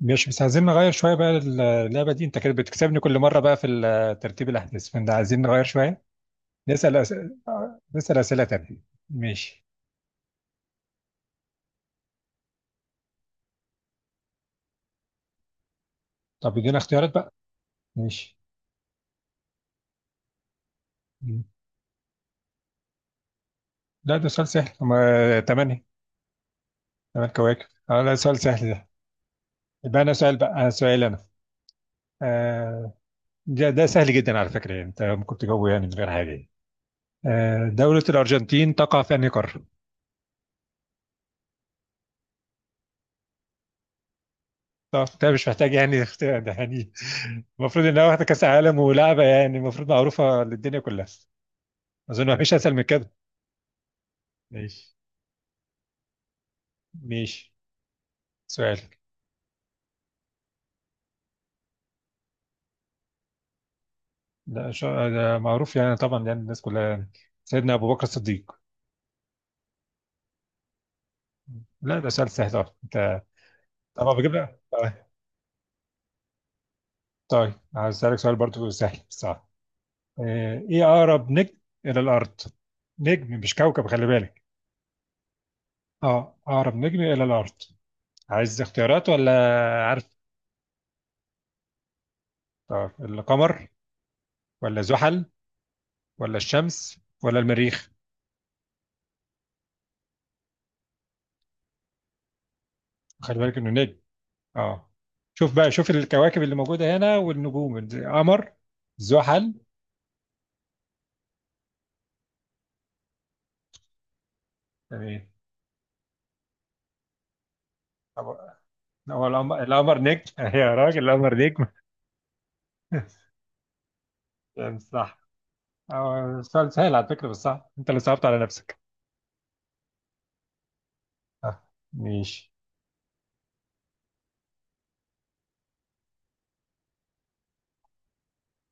مش بس عايزين نغير شوية بقى. اللعبة دي انت كانت بتكسبني كل مرة بقى في ترتيب الأحداث، فاحنا عايزين نغير شوية. نسأل أس... نسأل أسئلة تانية. ماشي. طب ادينا اختيارات بقى. ماشي. مم. لا، ده سؤال سهل، هما تمانية. تمن كواكب. اه، لا، سؤال سهل ده. يبقى أنا سؤال بقى، أنا سؤال أنا. آه ده سهل جدا على فكرة، يعني انت ممكن تجاوبه يعني من غير حاجة يعني. دولة الأرجنتين تقع في أنهي قارة؟ طب ده مش محتاج يعني اختراع ده يعني. المفروض انها واخده كاس عالم ولعبه، يعني المفروض معروفه للدنيا كلها. اظن ما فيش اسهل من كده. ماشي. ماشي سؤالك. ده معروف يعني، طبعا يعني الناس كلها يعني. سيدنا ابو بكر الصديق. لا ده سؤال سهل طبعا انت. طبعا بجيب لك. طيب، طيب عايز اسالك سؤال برضو سهل، صح؟ ايه اقرب نجم الى الارض؟ نجم مش كوكب، خلي بالك. اه، اقرب نجم الى الارض. عايز اختيارات ولا عارف؟ طب القمر، ولا زحل، ولا الشمس، ولا المريخ؟ خلي بالك انه نجم. اه. شوف بقى، شوف الكواكب اللي موجوده هنا والنجوم. القمر، زحل يعني. هو هو القمر. القمر نجم يا راجل، القمر نجم. يعني صح. سؤال سهل على فكره، بس صح، انت اللي صعبت على نفسك. ماشي.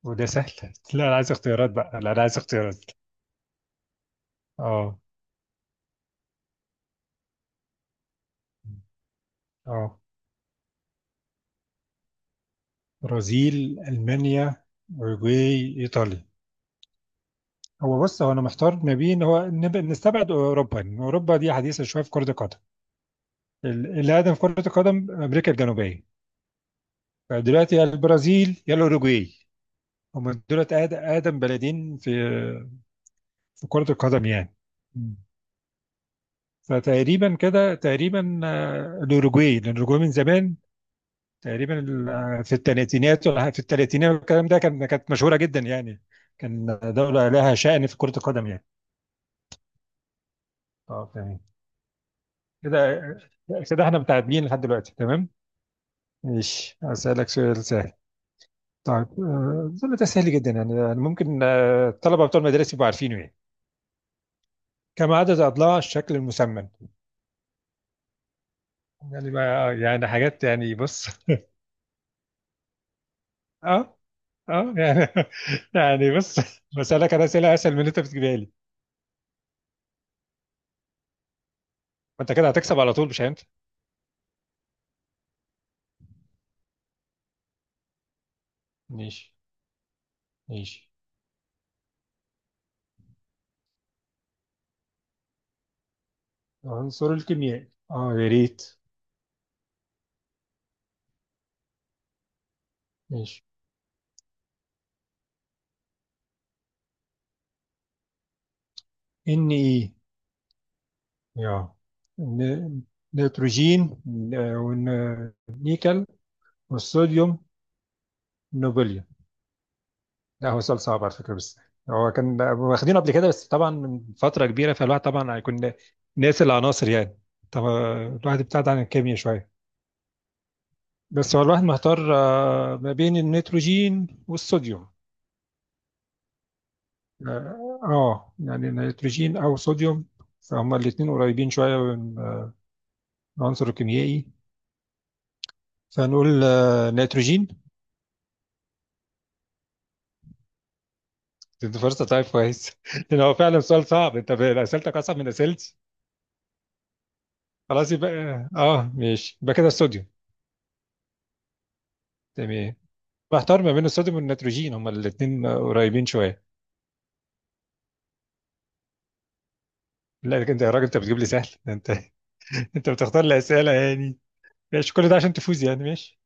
وده سهل؟ لا انا عايز اختيارات بقى، لا انا عايز اختيارات. اه. اه، برازيل، المانيا، اوروجواي، ايطاليا. هو بص، هو انا محتار ما بين، هو نستبعد اوروبا، يعني اوروبا دي حديثه شويه في كره القدم. اللي اقدم في كره القدم امريكا الجنوبيه. فدلوقتي يا البرازيل يا الاوروجواي. هم دولت اقدم بلدين في، في كره القدم يعني. مم. فتقريبا كده، تقريبا الاوروجواي، لان الاوروجواي من زمان تقريبا في الثلاثينات ولا في الثلاثينات والكلام ده، كان كانت مشهوره جدا يعني. كان دوله لها شأن في كره القدم يعني. اه تمام. كده، كده احنا متعادلين لحد دلوقتي، تمام. ماشي، أسألك سؤال سهل. طيب أظن ده سهل جدا يعني، يعني ممكن الطلبة بتوع المدارس يبقوا عارفينه يعني. كم عدد أضلاع الشكل المسمن؟ يعني بقى يعني حاجات يعني، بص. اه اه يعني يعني بص، بسألك أنا أسئلة أسهل من اللي أنت بتجيبها لي. وأنت كده هتكسب على طول، مش أنت؟ ماشي. ماشي. عنصر الكيمياء، اه يا ريت. ماشي. ان ايه. يا ن- نيتروجين. آه، والنيكل، والصوديوم، نوبل. لا هو سؤال صعب على فكرة، بس هو كان واخدينه قبل كده بس طبعا من فترة كبيرة، فالواحد طبعا هيكون ناسي العناصر يعني. طبعا الواحد ابتعد عن الكيمياء شوية. بس هو الواحد محتار ما بين النيتروجين والصوديوم. اه يعني نيتروجين او صوديوم. فهما الاتنين قريبين شوية من العنصر الكيميائي. فنقول نيتروجين. دي فرصة؟ طيب كويس لأن هو فعلا سؤال صعب. انت أسئلتك أصعب من أسئلتي. خلاص يبقى اه ماشي، يبقى كده الصوديوم. تمام. محتار ما بين الصوديوم والنيتروجين، هما الاثنين قريبين شويه. لا لكن انت يا راجل، انت بتجيب لي سهل ده؟ انت انت بتختار لي اسئله يعني. ماشي، كل ده عشان تفوز يعني، ماشي.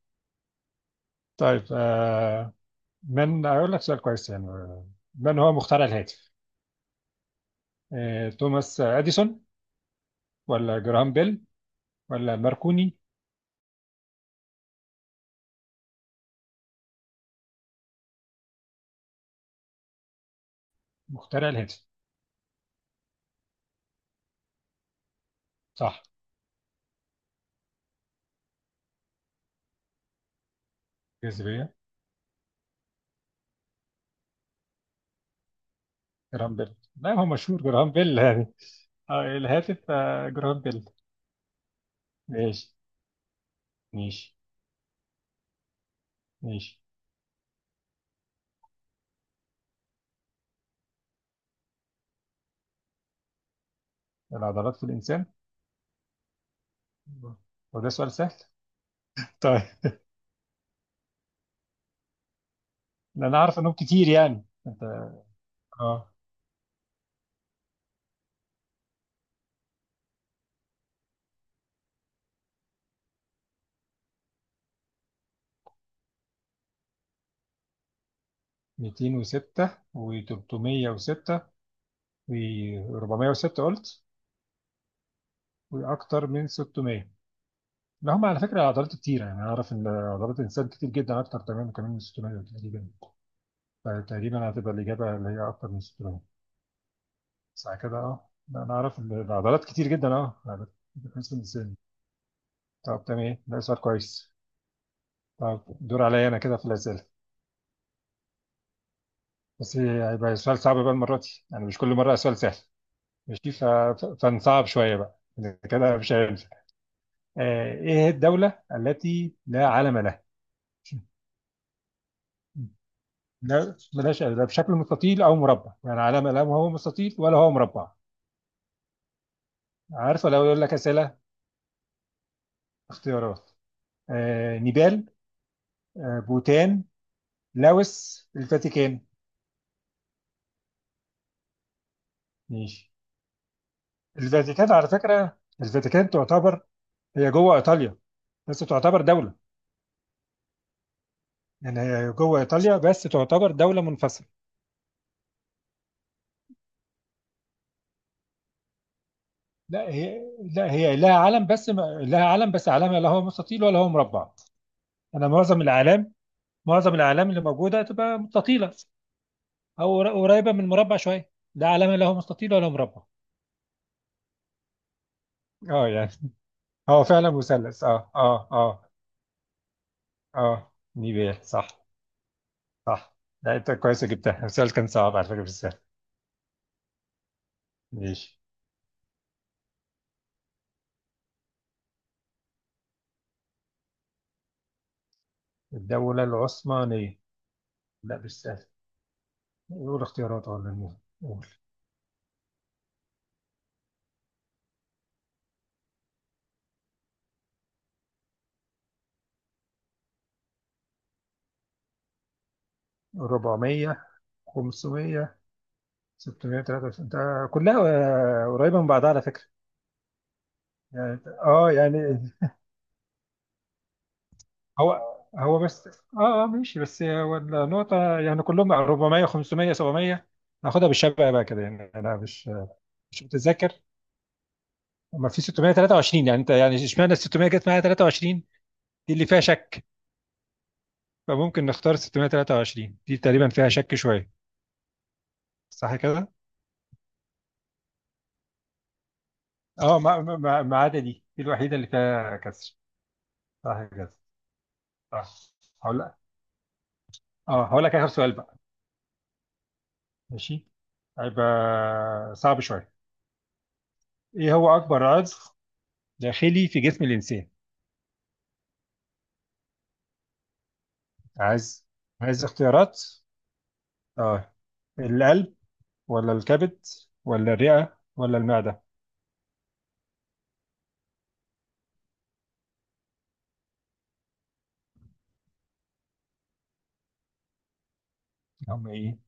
طيب آه، من اقول لك سؤال كويس يعني، من هو مخترع الهاتف؟ آه، توماس اديسون، ولا جراهام بيل، ولا ماركوني؟ مخترع الهاتف. صح. جاذبيه. جراهام بيل، لا هو مشهور جراهام بيل يعني. آه الهاتف، آه جراهام بيل. ماشي. ماشي. ماشي. العضلات في الانسان. وده سؤال سهل؟ طيب. ده انا عارف انهم كتير يعني، انت. اه، 206 و306 و406 قلت، واكتر من 600. لا هم على فكره عضلات كتير يعني، انا اعرف ان عضلات الانسان كتير جدا، اكتر تمام كمان من 600 تقريبا. فتقريبا هتبقى الاجابه اللي هي اكتر من 600. ساعه كده. اه لا، انا اعرف ان العضلات كتير جدا، اه، عضلات بالنسبه للانسان. طب تمام، ده سؤال كويس. طب دور عليا انا كده في الاسئله. بس هيبقى سؤال صعب بقى المره دي، يعني مش كل مره سؤال سهل. ماشي، فنصعب شوية بقى، إذا كده مش هيمسك. إيه هي الدولة التي لا علم لها؟ لا بلاش، لا بشكل مستطيل أو مربع، يعني علم لا هو مستطيل ولا هو مربع. عارفة لو يقول لك أسئلة. اختيارات. نيبال، بوتان، لاوس، الفاتيكان. ماشي. الفاتيكان على فكرة، الفاتيكان تعتبر، هي جوه إيطاليا بس تعتبر دولة. يعني هي جوه إيطاليا بس تعتبر دولة منفصلة. لا هي، لا هي لها علم، بس لها علم بس علمها لا هو مستطيل ولا هو مربع. انا معظم الاعلام، معظم الاعلام اللي موجوده تبقى مستطيله، او قريبه من مربع شويه. ده علمها لا هو مستطيل ولا مربع. اه يعني. هو فعلا مثلث. اه اه اه. اه نيبال صح. صح. لا انت كويس جبتها، السؤال كان صعب على فكره مش سهل. ماشي. الدوله العثمانيه. لا مش سهل. قول اختيارات ولا نقول؟ قول. 400، 500، 693 ده كلها قريبة من بعضها على فكرة. يعني اه يعني. هو هو بس اه اه ماشي، بس هو النقطة يعني كلهم 400، 500، 700. ناخدها بالشبع بقى كده يعني، انا مش متذكر. اما في 623، يعني انت، يعني اشمعنى ال 600 جت معايا 23، دي اللي فيها شك. فممكن نختار 623 دي، تقريبا فيها شك شوية. صح كده؟ اه، ما عدا دي الوحيدة اللي فيها كسر. صح كده. صح. هقول لك، اه هقول لك اخر سؤال بقى. ماشي. هيبقى صعب شوية. إيه هو أكبر عضو داخلي في جسم الإنسان؟ عايز. عايز اختيارات؟ آه، القلب، ولا الكبد، ولا الرئة، ولا المعدة؟ هم إيه؟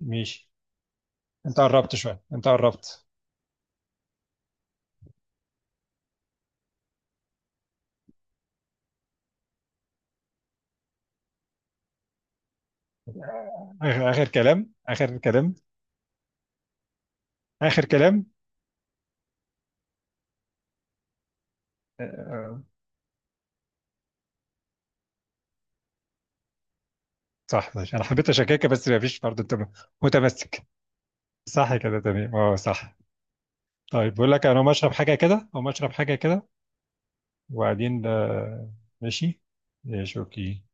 ماشي. أنت قربت شوية، أنت قربت. آخر كلام آخر كلام. آخر كلام. آه، آه، صح ماشي، أنا حبيت أشككك بس مفيش، برضه أنت متمسك. صح كده، تمام أه صح. طيب بقول لك أنا مشرب حاجة كده أو مشرب حاجة كده. وبعدين ماشي. ماشي أوكي.